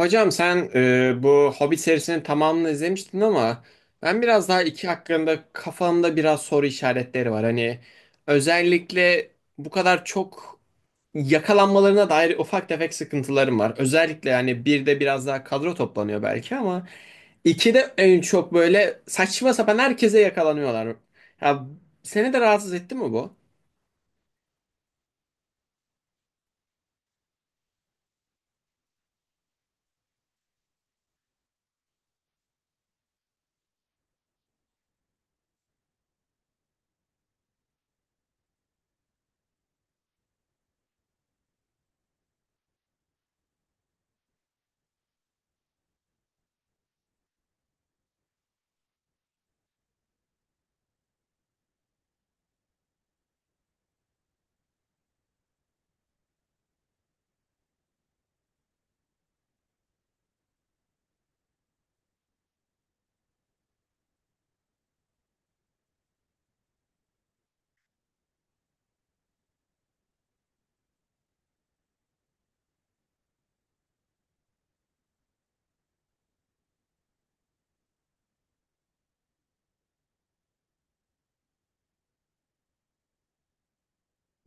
Hocam sen bu Hobbit serisinin tamamını izlemiştin ama ben biraz daha iki hakkında kafamda biraz soru işaretleri var. Hani özellikle bu kadar çok yakalanmalarına dair ufak tefek sıkıntılarım var. Özellikle yani bir de biraz daha kadro toplanıyor belki ama iki de en çok böyle saçma sapan herkese yakalanıyorlar. Ya seni de rahatsız etti mi bu?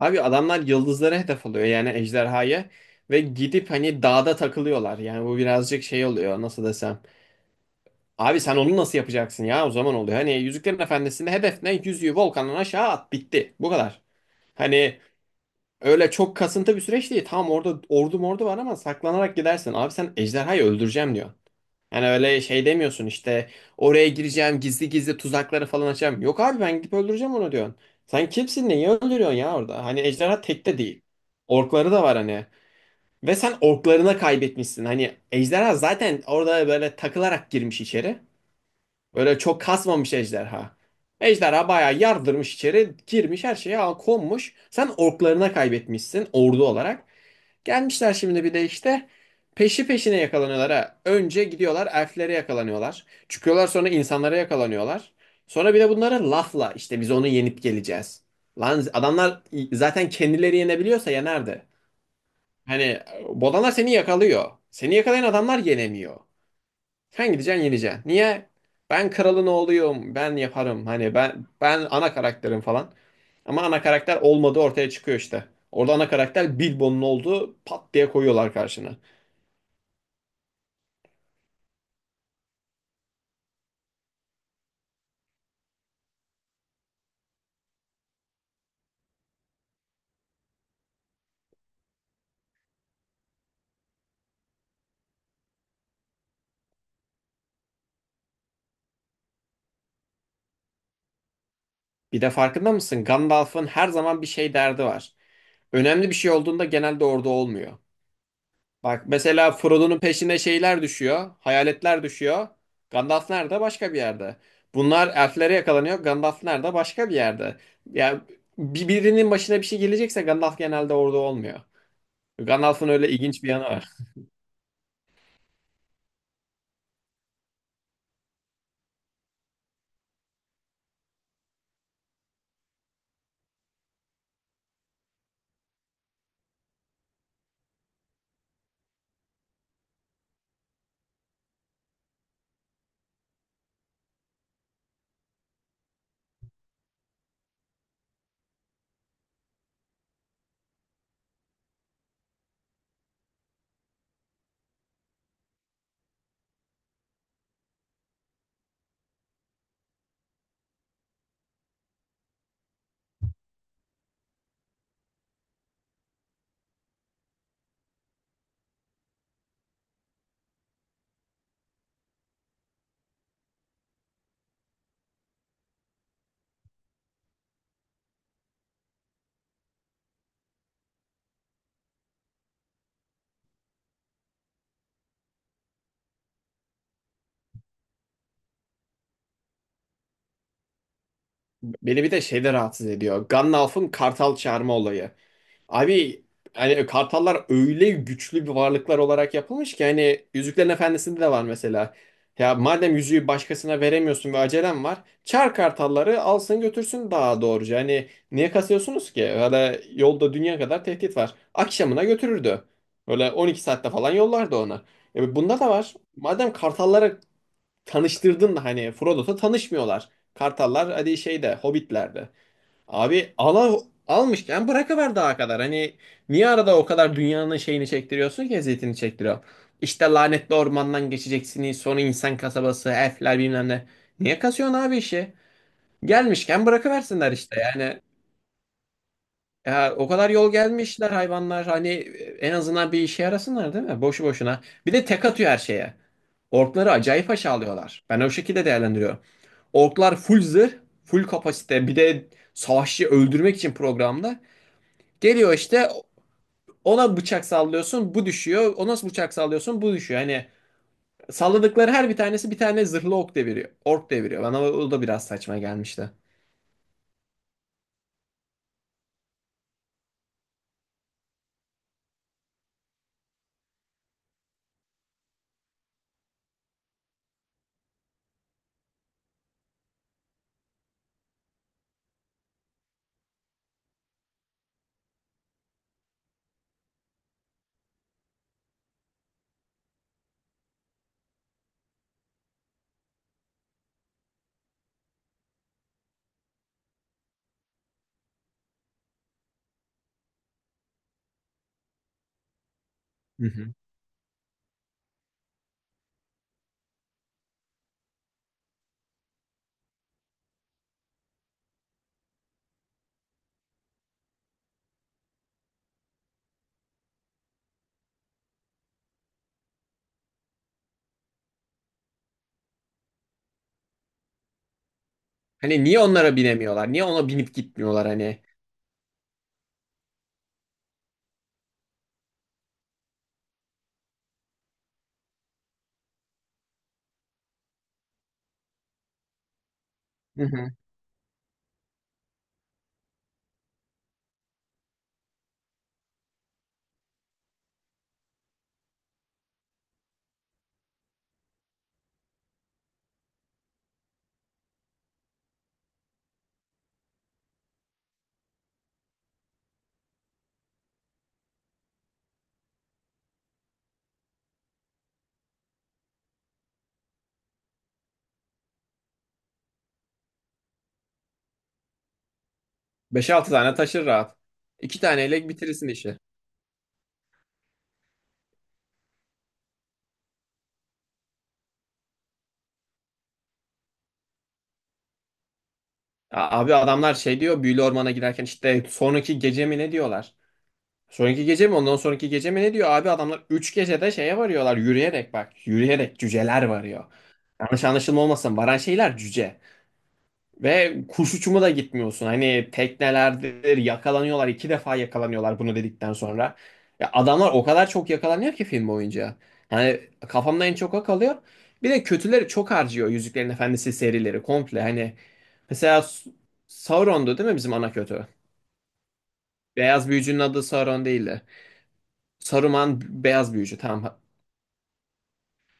Abi adamlar yıldızlara hedef alıyor yani ejderhaya ve gidip hani dağda takılıyorlar. Yani bu birazcık şey oluyor nasıl desem. Abi sen onu nasıl yapacaksın ya o zaman oluyor. Hani Yüzüklerin Efendisi'nde hedef ne? Yüzüğü volkandan aşağı at bitti. Bu kadar. Hani öyle çok kasıntı bir süreç değil. Tamam orada ordu mordu var ama saklanarak gidersin. Abi sen ejderhayı öldüreceğim diyor. Yani öyle şey demiyorsun işte oraya gireceğim gizli gizli tuzakları falan açacağım. Yok abi ben gidip öldüreceğim onu diyorsun. Sen kimsin neyi öldürüyorsun ya orada? Hani ejderha tek de değil. Orkları da var hani. Ve sen orklarına kaybetmişsin. Hani ejderha zaten orada böyle takılarak girmiş içeri. Böyle çok kasmamış ejderha. Ejderha bayağı yardırmış içeri, girmiş her şeye al- konmuş. Sen orklarına kaybetmişsin ordu olarak. Gelmişler şimdi bir de işte peşi peşine yakalanıyorlar ha. Önce gidiyorlar elflere yakalanıyorlar. Çıkıyorlar sonra insanlara yakalanıyorlar. Sonra bir de bunlara lafla işte biz onu yenip geleceğiz. Lan adamlar zaten kendileri yenebiliyorsa yenerdi. Hani bodanlar seni yakalıyor. Seni yakalayan adamlar yenemiyor. Sen gideceksin yeneceksin. Niye? Ben kralın oğluyum. Ben yaparım. Hani ben ana karakterim falan. Ama ana karakter olmadığı ortaya çıkıyor işte. Orada ana karakter Bilbo'nun olduğu pat diye koyuyorlar karşına. Bir de farkında mısın? Gandalf'ın her zaman bir şey derdi var. Önemli bir şey olduğunda genelde orada olmuyor. Bak mesela Frodo'nun peşine şeyler düşüyor. Hayaletler düşüyor. Gandalf nerede? Başka bir yerde. Bunlar elflere yakalanıyor. Gandalf nerede? Başka bir yerde. Yani birinin başına bir şey gelecekse Gandalf genelde orada olmuyor. Gandalf'ın öyle ilginç bir yanı var. Beni bir de şey de rahatsız ediyor. Gandalf'ın kartal çağırma olayı. Abi hani kartallar öyle güçlü bir varlıklar olarak yapılmış ki hani Yüzüklerin Efendisi'nde de var mesela. Ya madem yüzüğü başkasına veremiyorsun ve acelen var. Çağır kartalları alsın götürsün daha doğruca. Hani niye kasıyorsunuz ki? Öyle yolda dünya kadar tehdit var. Akşamına götürürdü. Böyle 12 saatte falan yollardı ona. E bunda da var. Madem kartallara tanıştırdın da hani Frodo'da tanışmıyorlar. Kartallar hadi şeyde Hobbit'lerde. Abi ala, almışken bırakıver daha kadar. Hani niye arada o kadar dünyanın şeyini çektiriyorsun ki eziyetini çektiriyor. İşte lanetli ormandan geçeceksiniz sonra insan kasabası, elfler bilmem ne. Niye kasıyorsun abi işi? Gelmişken bırakıversinler işte yani. Ya o kadar yol gelmişler hayvanlar hani en azından bir işe yarasınlar değil mi? Boşu boşuna. Bir de tek atıyor her şeye. Orkları acayip aşağılıyorlar. Ben o şekilde değerlendiriyorum. Orklar full zırh, full kapasite. Bir de savaşçı öldürmek için programda. Geliyor işte ona bıçak sallıyorsun bu düşüyor. Ona bıçak sallıyorsun bu düşüyor. Hani salladıkları her bir tanesi bir tane zırhlı ok deviriyor. Ork deviriyor. Bana o da biraz saçma gelmişti. Hı hı. Hani niye onlara binemiyorlar? Niye ona binip gitmiyorlar hani? Hı hı. 5-6 tane taşır rahat. 2 taneyle bitirirsin işi. Ya abi adamlar şey diyor büyülü ormana girerken işte sonraki gece mi ne diyorlar? Sonraki gece mi ondan sonraki gece mi ne diyor? Abi adamlar 3 gecede şeye varıyorlar yürüyerek bak. Yürüyerek cüceler varıyor. Yanlış anlaşılma olmasın. Varan şeyler cüce. Ve kuş uçumu da gitmiyorsun. Hani teknelerdir yakalanıyorlar. İki defa yakalanıyorlar bunu dedikten sonra. Ya adamlar o kadar çok yakalanıyor ki film boyunca. Hani kafamda en çok o kalıyor. Bir de kötüleri çok harcıyor Yüzüklerin Efendisi serileri komple. Hani mesela Sauron'du değil mi bizim ana kötü? Beyaz büyücünün adı Sauron değildi. Saruman beyaz büyücü tamam.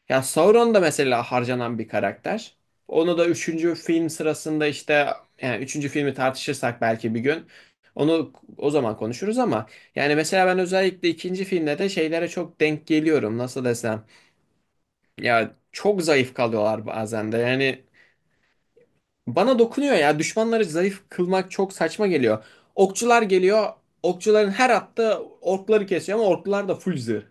Ya Sauron da mesela harcanan bir karakter. Onu da üçüncü film sırasında işte yani üçüncü filmi tartışırsak belki bir gün onu o zaman konuşuruz ama yani mesela ben özellikle ikinci filmde de şeylere çok denk geliyorum nasıl desem ya çok zayıf kalıyorlar bazen de yani bana dokunuyor ya. Düşmanları zayıf kılmak çok saçma geliyor. Okçular geliyor. Okçuların her attığı orkları kesiyor ama orklar da full zırh.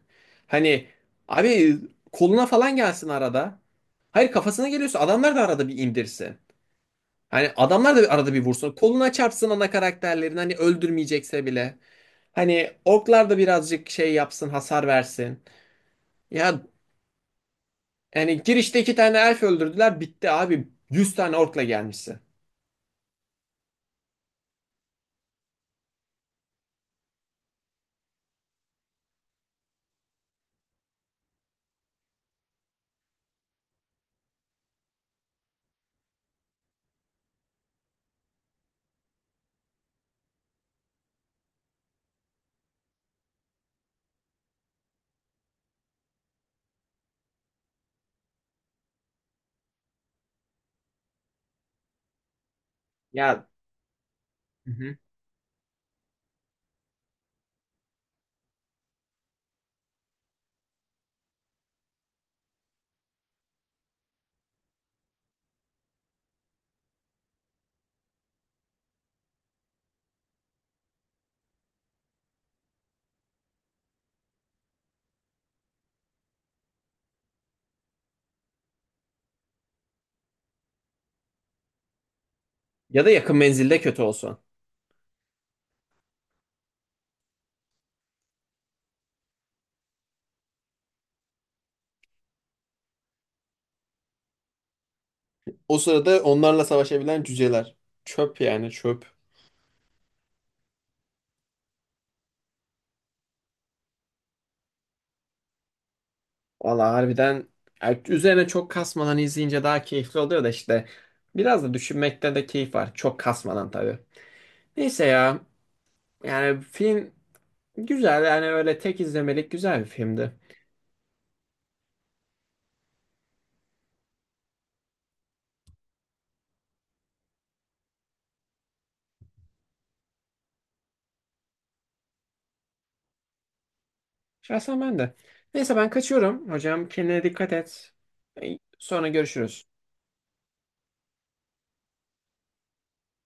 Hani abi koluna falan gelsin arada. Hayır kafasına geliyorsa adamlar da arada bir indirsin. Hani adamlar da bir arada bir vursun. Koluna çarpsın ana karakterlerin hani öldürmeyecekse bile. Hani orklar da birazcık şey yapsın, hasar versin. Ya yani girişte iki tane elf öldürdüler, bitti abi. 100 tane orkla gelmişsin. Ya ya da yakın menzilde kötü olsun. O sırada onlarla savaşabilen cüceler. Çöp yani çöp. Valla harbiden yani üzerine çok kasmadan izleyince daha keyifli oluyor da işte biraz da düşünmekte de keyif var. Çok kasmadan tabii. Neyse ya yani film güzel yani öyle tek izlemelik güzel bir filmdi. Şahsen ben de. Neyse ben kaçıyorum. Hocam kendine dikkat et. Sonra görüşürüz.